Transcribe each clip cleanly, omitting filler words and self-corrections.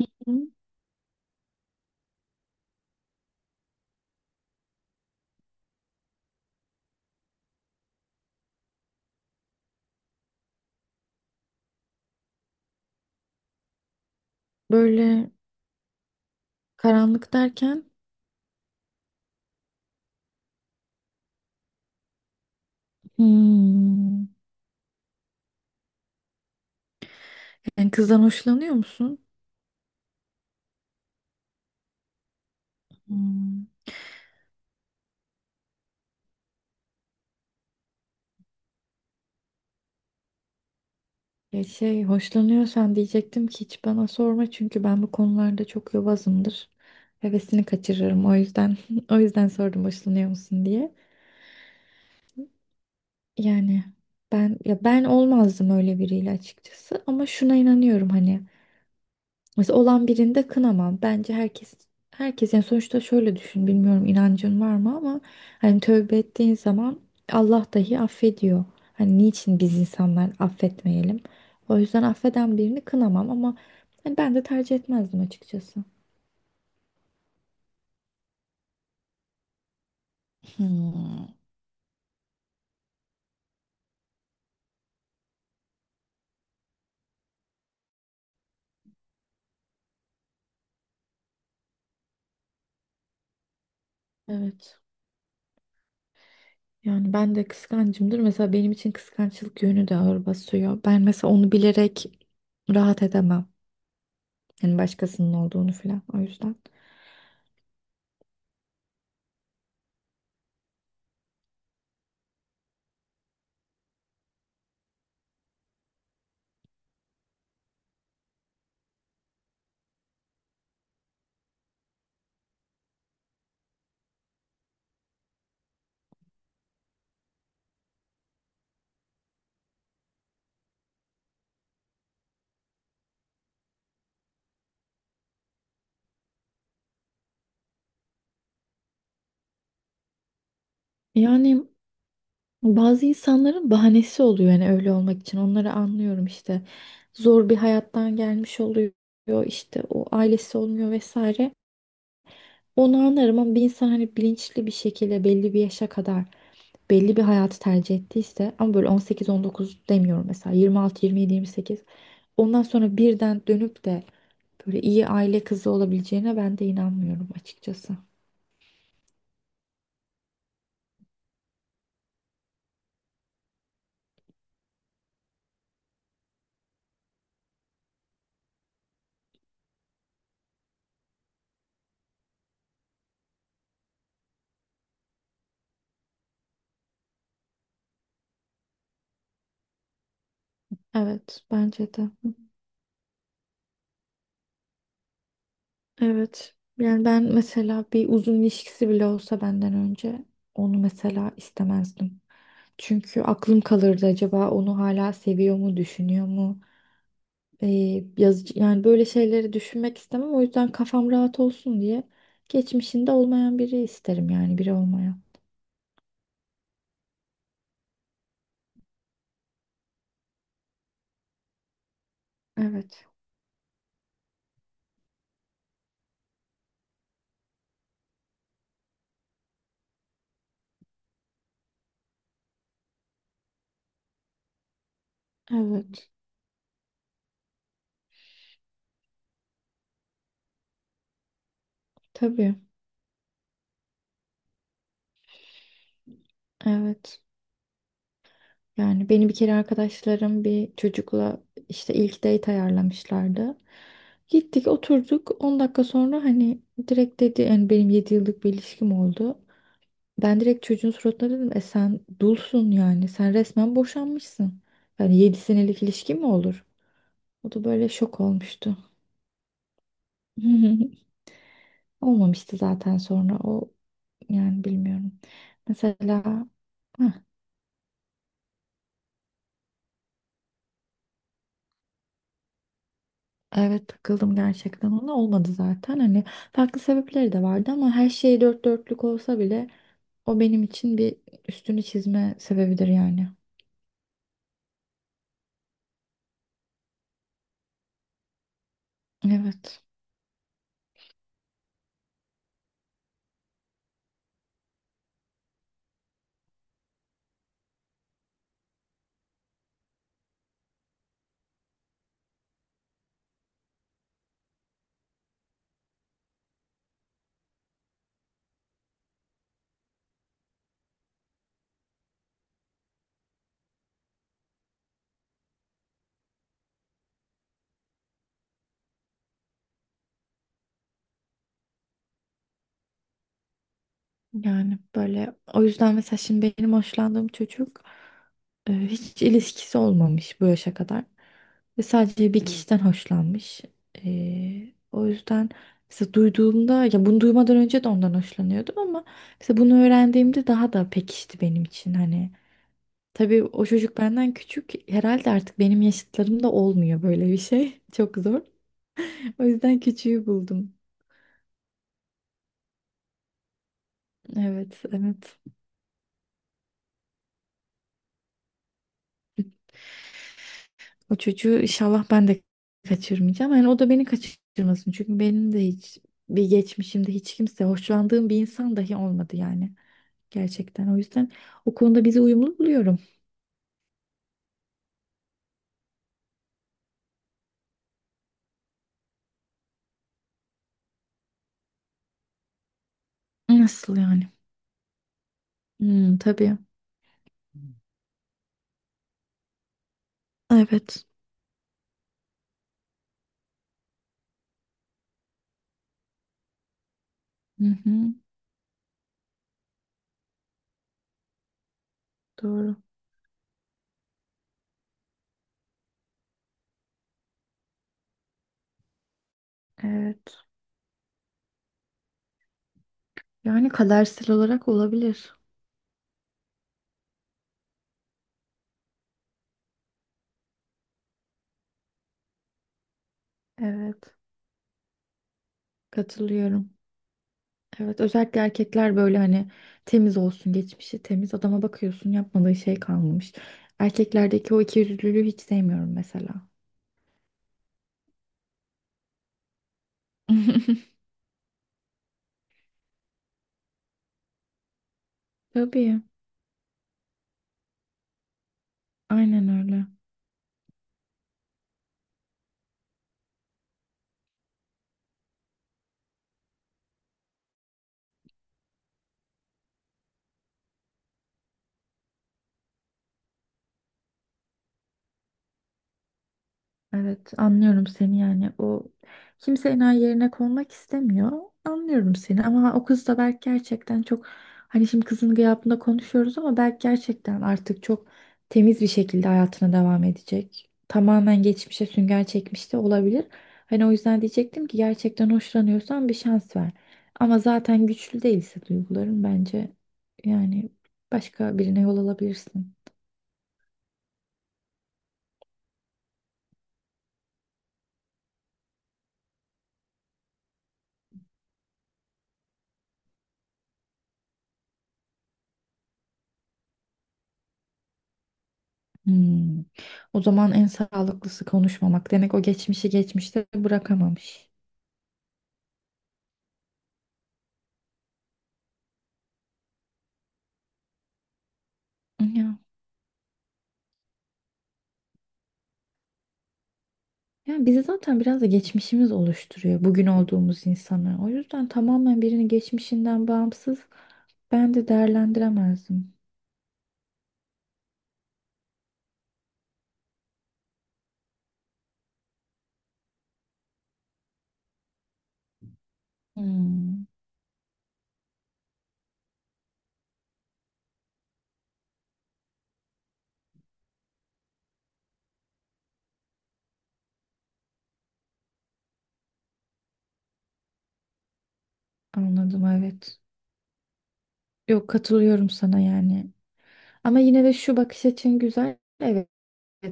Hı. Böyle karanlık derken hmm, yani kızdan hoşlanıyor musun? Hmm. Ya şey hoşlanıyorsan diyecektim ki hiç bana sorma çünkü ben bu konularda çok yobazımdır. Hevesini kaçırırım o yüzden o yüzden sordum hoşlanıyor musun diye. Yani ben olmazdım öyle biriyle açıkçası ama şuna inanıyorum hani mesela olan birinde kınamam. Bence herkes yani sonuçta şöyle düşün. Bilmiyorum inancın var mı ama hani tövbe ettiğin zaman Allah dahi affediyor. Hani niçin biz insanlar affetmeyelim? O yüzden affeden birini kınamam ama hani ben de tercih etmezdim açıkçası. Hmm, evet. Yani ben de kıskancımdır. Mesela benim için kıskançlık yönü de ağır basıyor. Ben mesela onu bilerek rahat edemem. Yani başkasının olduğunu falan o yüzden. yani Bazı insanların bahanesi oluyor yani öyle olmak için. Onları anlıyorum işte. Zor bir hayattan gelmiş oluyor. İşte o ailesi olmuyor vesaire. Onu anlarım ama bir insan hani bilinçli bir şekilde belli bir yaşa kadar belli bir hayatı tercih ettiyse ama böyle 18-19 demiyorum, mesela 26, 27, 28, ondan sonra birden dönüp de böyle iyi aile kızı olabileceğine ben de inanmıyorum açıkçası. Evet, bence de. Evet. Yani ben mesela bir uzun ilişkisi bile olsa benden önce onu mesela istemezdim. Çünkü aklım kalırdı, acaba onu hala seviyor mu, düşünüyor mu? Yazıcı, yani böyle şeyleri düşünmek istemem. O yüzden kafam rahat olsun diye geçmişinde olmayan biri isterim, yani biri olmayan. Evet. Evet. Tabii. Evet. Yani beni bir kere arkadaşlarım bir çocukla işte ilk date ayarlamışlardı. Gittik, oturduk, 10 dakika sonra hani direkt dedi yani, benim 7 yıllık bir ilişkim oldu. Ben direkt çocuğun suratına dedim, e sen dulsun yani, sen resmen boşanmışsın. Yani 7 senelik ilişki mi olur? O da böyle şok olmuştu. Olmamıştı zaten sonra o, yani bilmiyorum. Mesela heh, Evet, takıldım gerçekten, ona olmadı zaten, hani farklı sebepleri de vardı ama her şey dört dörtlük olsa bile o benim için bir üstünü çizme sebebidir yani. Evet, yani böyle, o yüzden mesela şimdi benim hoşlandığım çocuk hiç ilişkisi olmamış bu yaşa kadar ve sadece bir kişiden hoşlanmış. O yüzden mesela duyduğumda, ya bunu duymadan önce de ondan hoşlanıyordum ama mesela bunu öğrendiğimde daha da pekişti benim için hani. Tabii o çocuk benden küçük. Herhalde artık benim yaşıtlarımda olmuyor böyle bir şey. Çok zor. O yüzden küçüğü buldum. Evet, evet. O çocuğu inşallah ben de kaçırmayacağım. Yani o da beni kaçırmasın. Çünkü benim de hiç, bir geçmişimde hiç kimse, hoşlandığım bir insan dahi olmadı yani. Gerçekten. O yüzden o konuda bizi uyumlu buluyorum. Nasıl yani? Hmm, tabii. Evet. Hı hı, doğru. Evet. Yani kadersel olarak olabilir. Evet. Katılıyorum. Evet, özellikle erkekler böyle hani temiz olsun, geçmişi temiz adama bakıyorsun, yapmadığı şey kalmamış. Erkeklerdeki o ikiyüzlülüğü hiç sevmiyorum mesela. Tabii. Aynen öyle. Evet, anlıyorum seni yani. O, kimse enayi yerine konmak istemiyor. Anlıyorum seni ama o kız da belki gerçekten çok, hani şimdi kızın gıyabında konuşuyoruz ama belki gerçekten artık çok temiz bir şekilde hayatına devam edecek. Tamamen geçmişe sünger çekmiş de olabilir. Hani o yüzden diyecektim ki, gerçekten hoşlanıyorsan bir şans ver. Ama zaten güçlü değilse duyguların, bence yani başka birine yol alabilirsin. Hmm. O zaman en sağlıklısı konuşmamak. Demek o geçmişi geçmişte bırakamamış. Ya. Yani bizi zaten biraz da geçmişimiz oluşturuyor bugün olduğumuz insanı. O yüzden tamamen birini geçmişinden bağımsız ben de değerlendiremezdim. Hmm. Anladım, evet. Yok, katılıyorum sana yani. Ama yine de şu bakış açın güzel. Evet,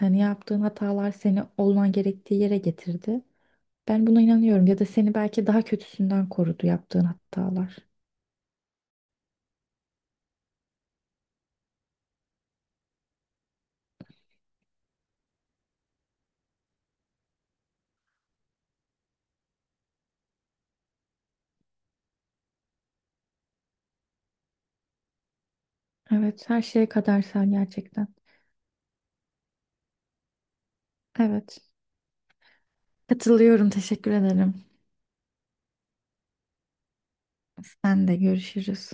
hani yaptığın hatalar seni olman gerektiği yere getirdi. Ben buna inanıyorum, ya da seni belki daha kötüsünden korudu yaptığın hatalar. Evet, her şeye kadersel gerçekten. Evet. Katılıyorum, teşekkür ederim. Sen de, görüşürüz.